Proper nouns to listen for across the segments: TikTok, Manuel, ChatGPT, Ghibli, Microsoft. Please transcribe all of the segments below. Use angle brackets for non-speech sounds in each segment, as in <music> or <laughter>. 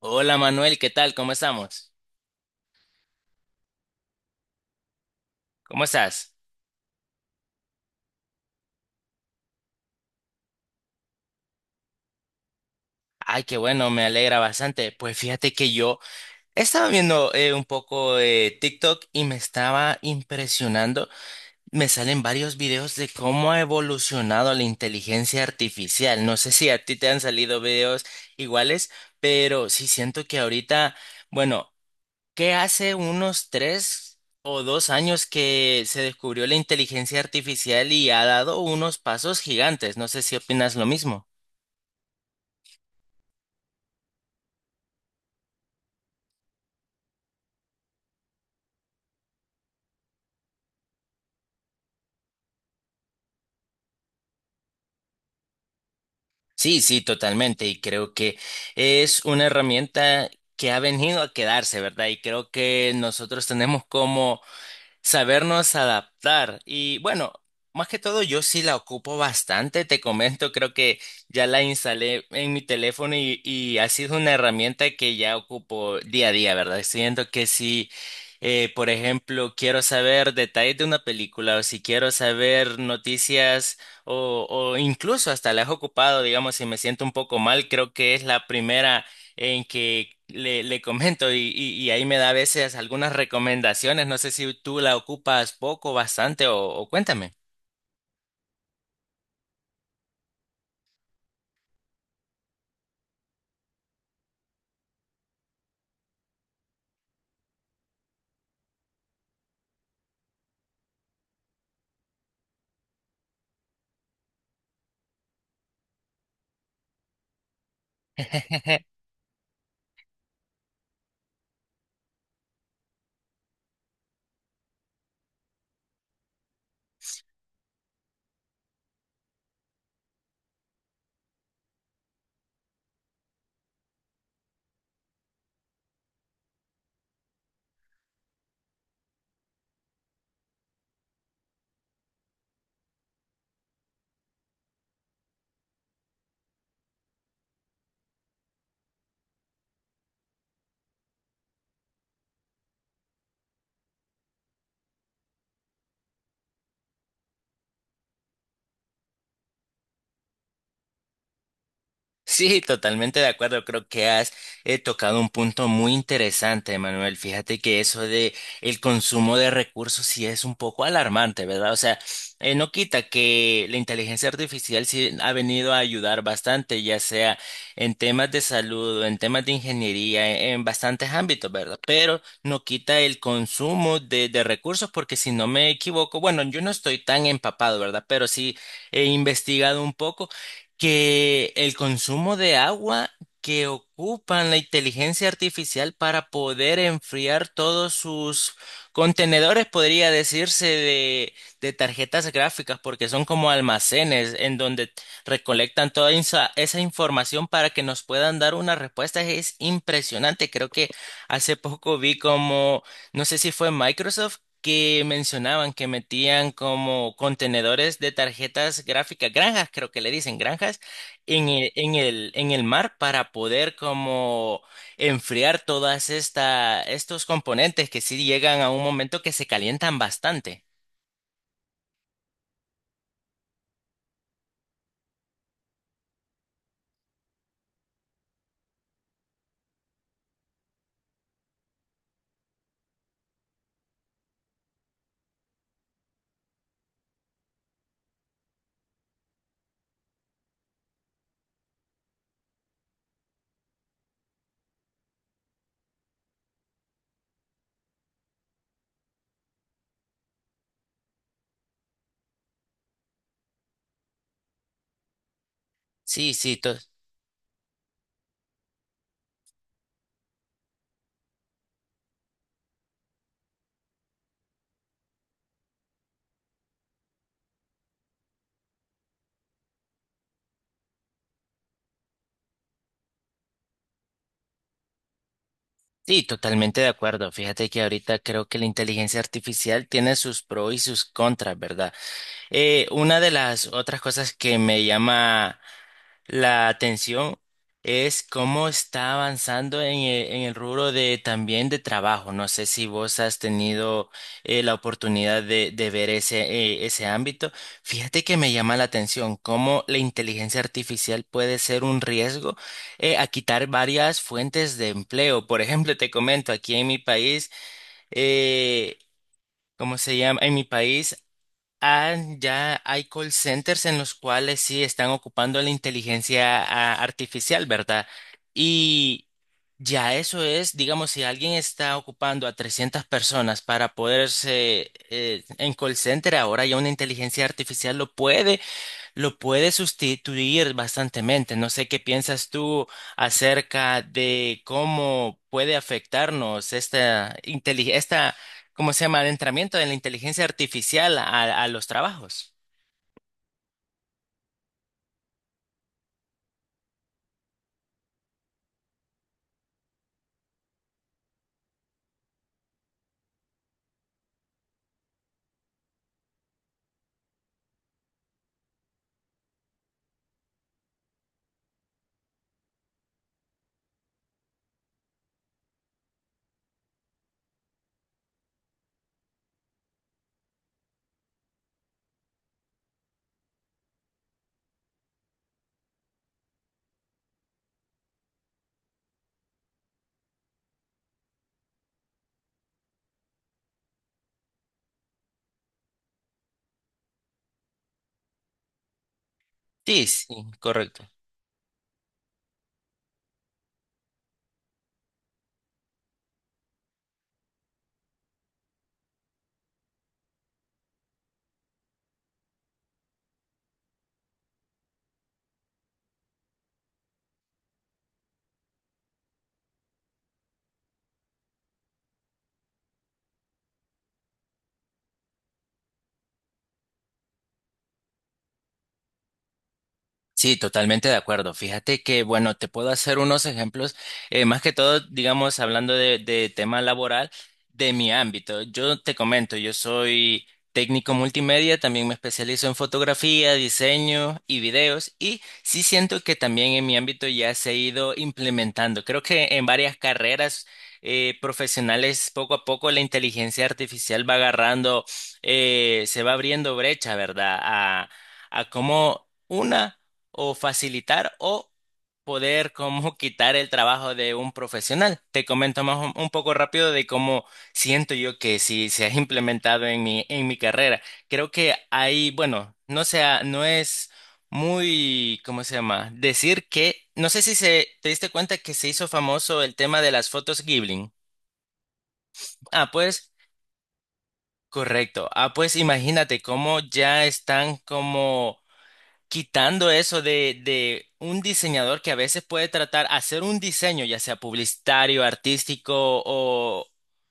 Hola Manuel, ¿qué tal? ¿Cómo estamos? ¿Cómo estás? Ay, qué bueno, me alegra bastante. Pues fíjate que yo estaba viendo un poco de TikTok y me estaba impresionando. Me salen varios videos de cómo ha evolucionado la inteligencia artificial. No sé si a ti te han salido videos iguales, pero sí siento que ahorita, bueno. Que hace unos tres o dos años que se descubrió la inteligencia artificial y ha dado unos pasos gigantes. No sé si opinas lo mismo. Sí, sí, totalmente. Y creo que es una herramienta que ha venido a quedarse, ¿verdad? Y creo que nosotros tenemos como sabernos adaptar. Y bueno, más que todo yo sí la ocupo bastante, te comento, creo que ya la instalé en mi teléfono y ha sido una herramienta que ya ocupo día a día, ¿verdad? Siento que si, por ejemplo, quiero saber detalles de una película o si quiero saber noticias o incluso hasta la he ocupado, digamos, si me siento un poco mal, creo que es la primera en que le comento y ahí me da a veces algunas recomendaciones. No sé si tú la ocupas poco, bastante o cuéntame. <laughs> Sí, totalmente de acuerdo. Creo que has tocado un punto muy interesante, Manuel. Fíjate que eso de el consumo de recursos sí es un poco alarmante, ¿verdad? O sea, no quita que la inteligencia artificial sí ha venido a ayudar bastante, ya sea en temas de salud, en temas de ingeniería, en bastantes ámbitos, ¿verdad? Pero no quita el consumo de recursos, porque si no me equivoco, bueno, yo no estoy tan empapado, ¿verdad? Pero sí he investigado un poco que el consumo de agua que ocupan la inteligencia artificial para poder enfriar todos sus contenedores, podría decirse, de tarjetas gráficas, porque son como almacenes en donde recolectan toda esa información para que nos puedan dar una respuesta. Es impresionante. Creo que hace poco vi como, no sé si fue Microsoft, que mencionaban que metían como contenedores de tarjetas gráficas, granjas, creo que le dicen granjas, en el mar para poder como enfriar todas estos componentes que sí llegan a un momento que se calientan bastante. Sí, sí, to- sí, totalmente de acuerdo. Fíjate que ahorita creo que la inteligencia artificial tiene sus pros y sus contras, ¿verdad? Una de las otras cosas que me llama la atención es cómo está avanzando en el rubro de también de trabajo. No sé si vos has tenido la oportunidad de ver ese, ese ámbito. Fíjate que me llama la atención cómo la inteligencia artificial puede ser un riesgo a quitar varias fuentes de empleo. Por ejemplo, te comento, aquí en mi país, eh, ¿cómo se llama? En mi país. Ah, ya hay call centers en los cuales sí están ocupando la inteligencia artificial, ¿verdad? Y ya eso es, digamos, si alguien está ocupando a 300 personas para poderse en call center, ahora ya una inteligencia artificial lo puede sustituir bastantemente. No sé qué piensas tú acerca de cómo puede afectarnos esta, ¿cómo se llama? Adentramiento de la inteligencia artificial a los trabajos. Sí, sí, correcto. Sí, totalmente de acuerdo. Fíjate que, bueno, te puedo hacer unos ejemplos, más que todo, digamos, hablando de tema laboral de mi ámbito. Yo te comento, yo soy técnico multimedia, también me especializo en fotografía, diseño y videos, y sí siento que también en mi ámbito ya se ha ido implementando. Creo que en varias carreras profesionales, poco a poco, la inteligencia artificial va agarrando, se va abriendo brecha, ¿verdad? A cómo... Una o facilitar o poder como <laughs> quitar el trabajo de un profesional. Te comento más un poco rápido de cómo siento yo que si se ha implementado en mi carrera. Creo que hay, bueno, no sea, no es muy, ¿cómo se llama? Decir que, no sé si se, te diste cuenta que se hizo famoso el tema de las fotos Ghibli. Ah, pues, correcto. Ah, pues imagínate cómo ya están como quitando eso de un diseñador que a veces puede tratar hacer un diseño, ya sea publicitario, artístico o,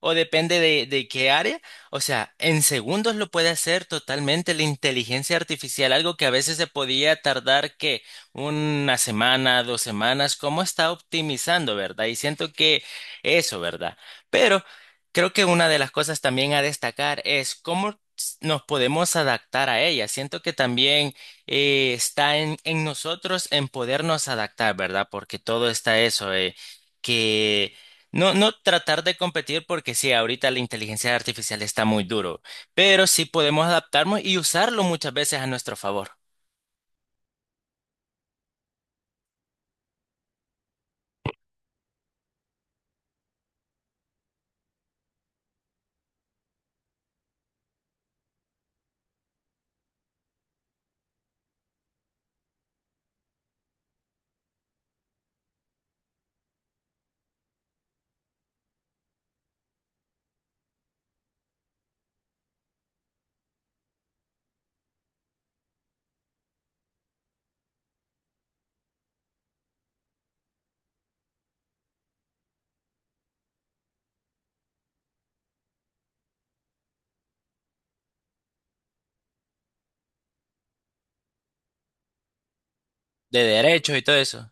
o depende de qué área. O sea, en segundos lo puede hacer totalmente la inteligencia artificial, algo que a veces se podía tardar que una semana, dos semanas, cómo está optimizando, ¿verdad? Y siento que eso, ¿verdad? Pero creo que una de las cosas también a destacar es cómo nos podemos adaptar a ella. Siento que también está en nosotros en podernos adaptar, ¿verdad? Porque todo está eso, que no, no tratar de competir porque sí, ahorita la inteligencia artificial está muy duro, pero sí podemos adaptarnos y usarlo muchas veces a nuestro favor, de derechos y todo eso.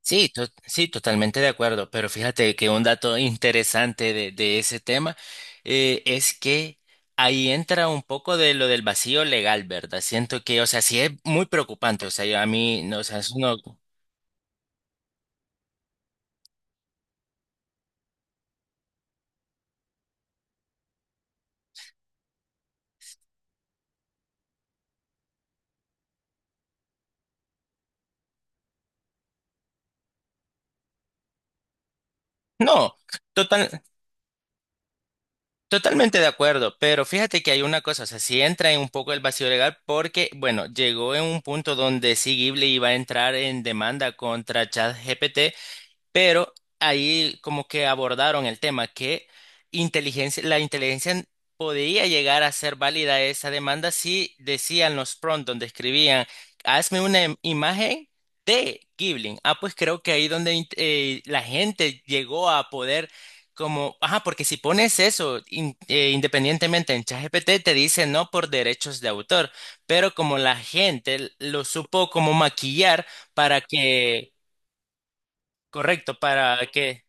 Sí, totalmente de acuerdo, pero fíjate que un dato interesante de ese tema es que ahí entra un poco de lo del vacío legal, ¿verdad? Siento que, o sea, sí es muy preocupante, o sea, yo a mí, no, o sea, es uno- no, total, totalmente de acuerdo, pero fíjate que hay una cosa, o sea, sí entra en un poco el vacío legal porque, bueno, llegó en un punto donde sí Ghibli iba a entrar en demanda contra ChatGPT. Pero ahí como que abordaron el tema que inteligencia, la inteligencia podía llegar a ser válida esa demanda si decían los prompts donde escribían, hazme una imagen de Ghibli. Ah, pues creo que ahí donde la gente llegó a poder como, ajá, porque si pones eso independientemente en ChatGPT te dice no por derechos de autor, pero como la gente lo supo como maquillar para que, correcto, para que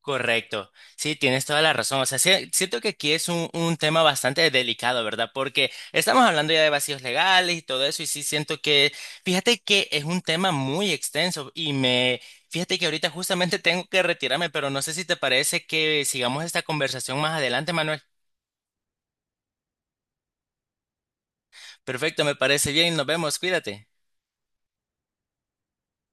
correcto, sí, tienes toda la razón. O sea, siento que aquí es un tema bastante delicado, ¿verdad? Porque estamos hablando ya de vacíos legales y todo eso, y sí siento que, fíjate que es un tema muy extenso y me, fíjate que ahorita justamente <laughs> tengo que retirarme, pero no sé si te parece que sigamos esta conversación más adelante, Manuel. Perfecto, me parece bien, nos vemos, cuídate.